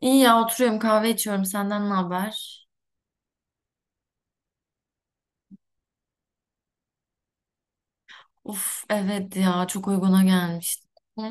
İyi ya oturuyorum, kahve içiyorum. Senden ne haber? Uf, evet ya, çok uyguna gelmişti. Hı.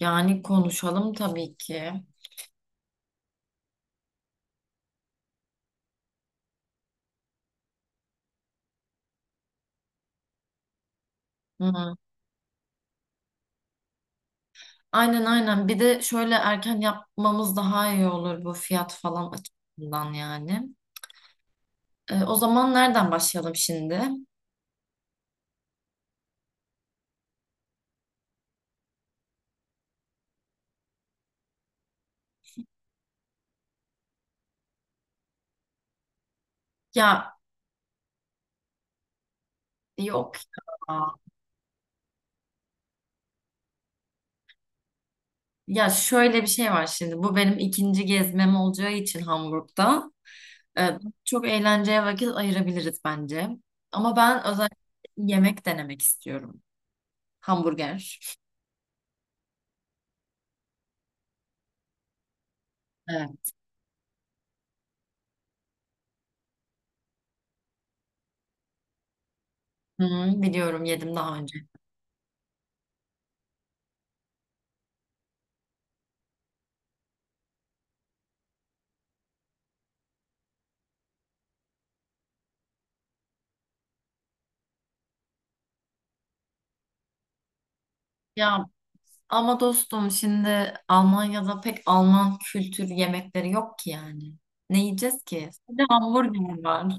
Yani konuşalım tabii ki. Hı. Aynen aynen. Bir de şöyle erken yapmamız daha iyi olur bu fiyat falan açısından yani. O zaman nereden başlayalım şimdi? Ya, yok ya. Ya şöyle bir şey var şimdi. Bu benim ikinci gezmem olacağı için Hamburg'da. E, Çok eğlenceye vakit ayırabiliriz bence. Ama ben özellikle yemek denemek istiyorum. Hamburger. Evet. Hı hı, biliyorum, yedim daha önce. Ya ama dostum, şimdi Almanya'da pek Alman kültür yemekleri yok ki yani. Ne yiyeceğiz ki? Sadece hamburger var.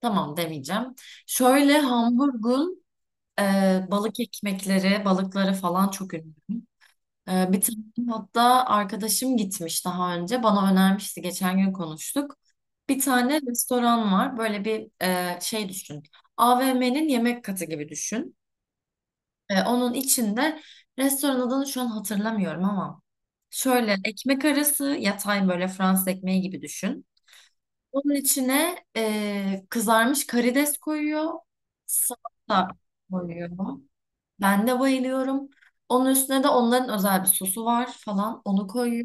Tamam, demeyeceğim. Şöyle Hamburg'un balık ekmekleri, balıkları falan çok ünlü. Bir tane hatta arkadaşım gitmiş daha önce. Bana önermişti. Geçen gün konuştuk. Bir tane restoran var. Böyle bir şey düşün. AVM'nin yemek katı gibi düşün. Onun içinde restoran adını şu an hatırlamıyorum ama şöyle ekmek arası yatay, böyle Fransız ekmeği gibi düşün. Onun içine kızarmış karides koyuyor. Salata koyuyor. Ben de bayılıyorum. Onun üstüne de onların özel bir sosu var falan. Onu koyuyor.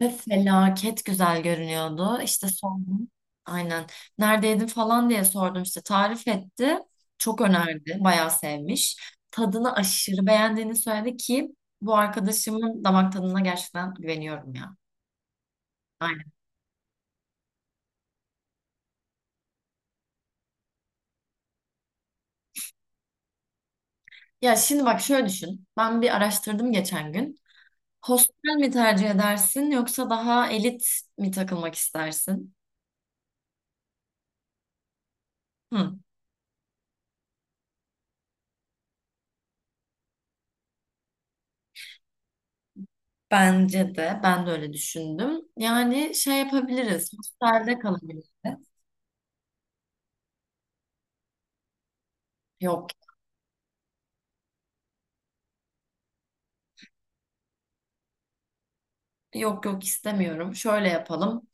Ve felaket güzel görünüyordu. İşte sordum. Aynen. Neredeydin falan diye sordum işte. Tarif etti. Çok önerdi. Bayağı sevmiş. Tadını aşırı beğendiğini söyledi ki bu arkadaşımın damak tadına gerçekten güveniyorum ya. Aynen. Ya şimdi bak, şöyle düşün. Ben bir araştırdım geçen gün. Hostel mi tercih edersin, yoksa daha elit mi takılmak istersin? Hı. Bence de. Ben de öyle düşündüm. Yani şey yapabiliriz. Hostelde kalabiliriz. Yok Yok yok istemiyorum. Şöyle yapalım.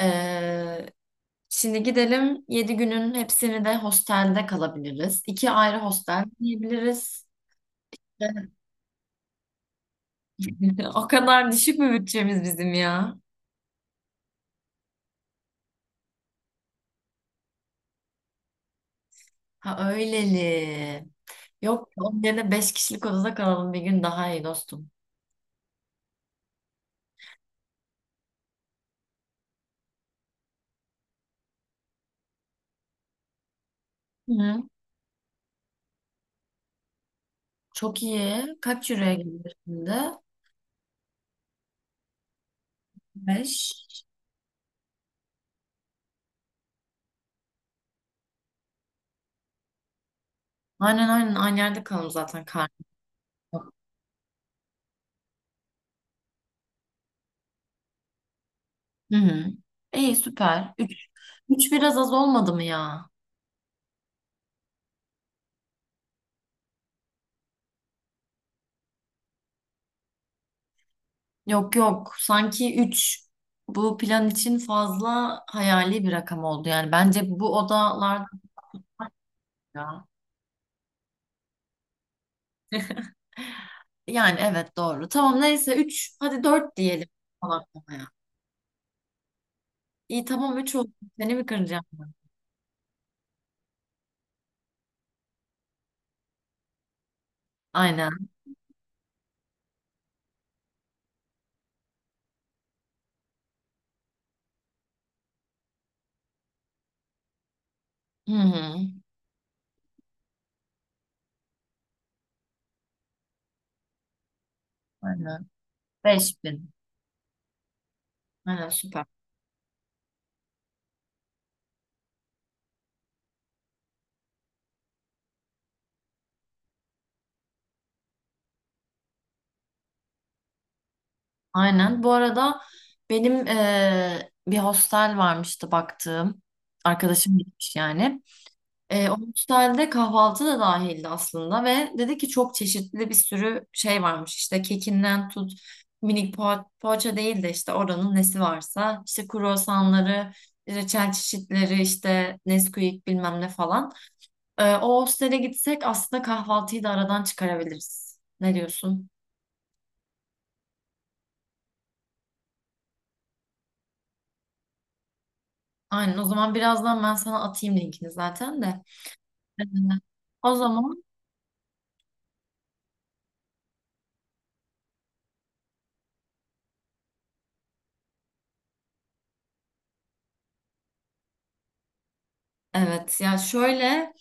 Ee, Şimdi gidelim. 7 günün hepsini de hostelde kalabiliriz. İki ayrı hostel diyebiliriz. O kadar düşük mü bütçemiz bizim ya? Ha, öyleli. Yok, onun yerine 5 kişilik odada kalalım bir gün, daha iyi dostum. Hı. Çok iyi. Kaç euroya gelir şimdi? 5. Aynen aynen, aynı yerde kalalım zaten karnı. Yok. Hı hı. İyi, süper. Üç biraz az olmadı mı ya? Yok yok. Sanki 3 bu plan için fazla hayali bir rakam oldu. Yani bence bu odalar ya. Yani evet, doğru. Tamam neyse, 3 hadi 4 diyelim konaklamaya. İyi tamam, üç oldu. Seni mi kıracağım ben? Aynen. Hı hı. Aynen. 5.000. Aynen süper. Aynen. Bu arada benim bir hostel varmıştı baktığım. Arkadaşım gitmiş yani. O müsaaade kahvaltı da dahildi aslında ve dedi ki çok çeşitli bir sürü şey varmış işte kekinden tut, minik poğaça değil de işte oranın nesi varsa işte kruvasanları, reçel çeşitleri, işte Nesquik bilmem ne falan. O hostele gitsek aslında kahvaltıyı da aradan çıkarabiliriz. Ne diyorsun? Aynen, o zaman birazdan ben sana atayım linkini zaten de. Ee, O zaman evet ya, şöyle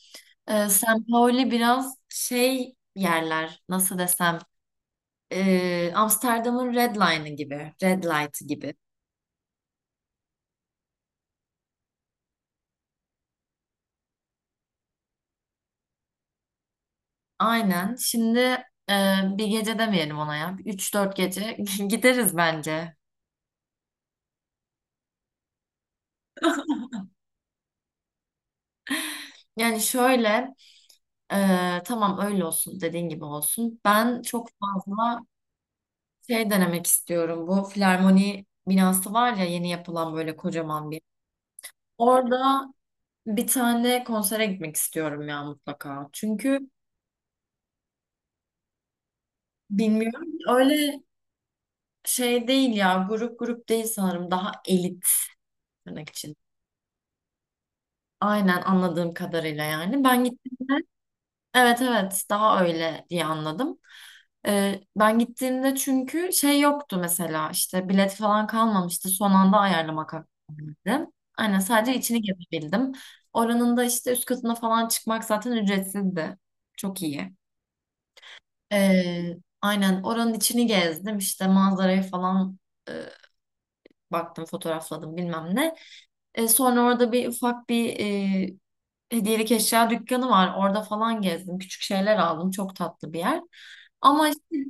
San Pauli biraz şey yerler, nasıl desem, Amsterdam'ın Red Light'ı gibi. Aynen şimdi, ee, bir gece demeyelim ona ya, üç dört gece gideriz bence. Yani şöyle, tamam öyle olsun, dediğin gibi olsun. Ben çok fazla şey denemek istiyorum, bu Filarmoni binası var ya, yeni yapılan, böyle kocaman bir. Orada bir tane konsere gitmek istiyorum ya mutlaka. Çünkü bilmiyorum. Öyle şey değil ya. Grup grup değil sanırım. Daha elit, tırnak için. Aynen, anladığım kadarıyla yani. Ben gittiğimde Evet evet, daha öyle diye anladım. Ben gittiğimde çünkü şey yoktu, mesela işte bilet falan kalmamıştı. Son anda ayarlamak hakkındaydı. Aynen, sadece içini gezebildim. Oranın da işte üst katına falan çıkmak zaten ücretsizdi. Çok iyi. Ee, aynen oranın içini gezdim işte, manzarayı falan e, baktım, fotoğrafladım, bilmem ne. Sonra orada bir ufak e, hediyelik eşya dükkanı var. Orada falan gezdim. Küçük şeyler aldım. Çok tatlı bir yer. Ama işte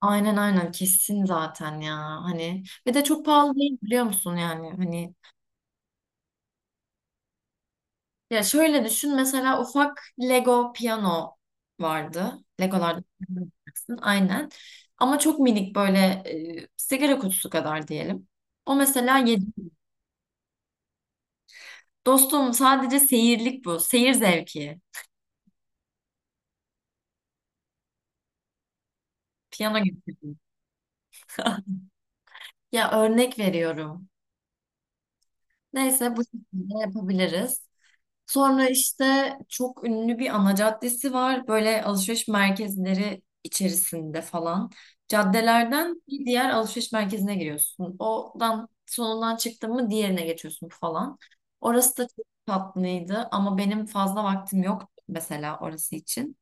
aynen aynen, kesin zaten ya. Hani ve de çok pahalı değil, biliyor musun yani. Hani ya şöyle düşün, mesela ufak Lego piyano vardı. Legolarda yapacaksın, aynen. Ama çok minik, böyle sigara kutusu kadar diyelim. O mesela yedi. Dostum sadece seyirlik bu. Seyir zevki. Piyano getirdim. Ya, örnek veriyorum. Neyse, bu şekilde yapabiliriz. Sonra işte çok ünlü bir ana caddesi var, böyle alışveriş merkezleri içerisinde falan. Caddelerden bir diğer alışveriş merkezine giriyorsun. Odan sonundan çıktın mı diğerine geçiyorsun falan. Orası da çok tatlıydı, ama benim fazla vaktim yok mesela orası için.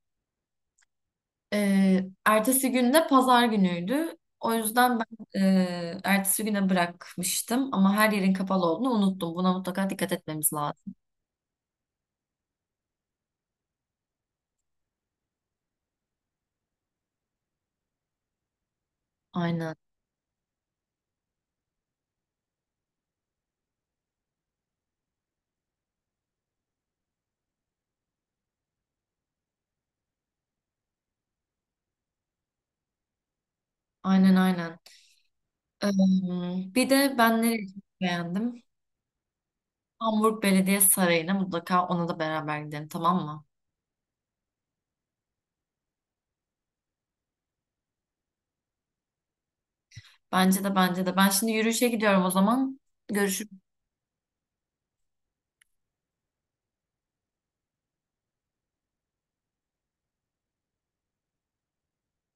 Ertesi gün de pazar günüydü. O yüzden ben ertesi güne bırakmıştım, ama her yerin kapalı olduğunu unuttum. Buna mutlaka dikkat etmemiz lazım. Aynen, aynen, aynen. Bir de ben nereyi çok beğendim? Hamburg Belediye Sarayı'na, mutlaka ona da beraber gidelim, tamam mı? Bence de, bence de. Ben şimdi yürüyüşe gidiyorum o zaman. Görüşürüz.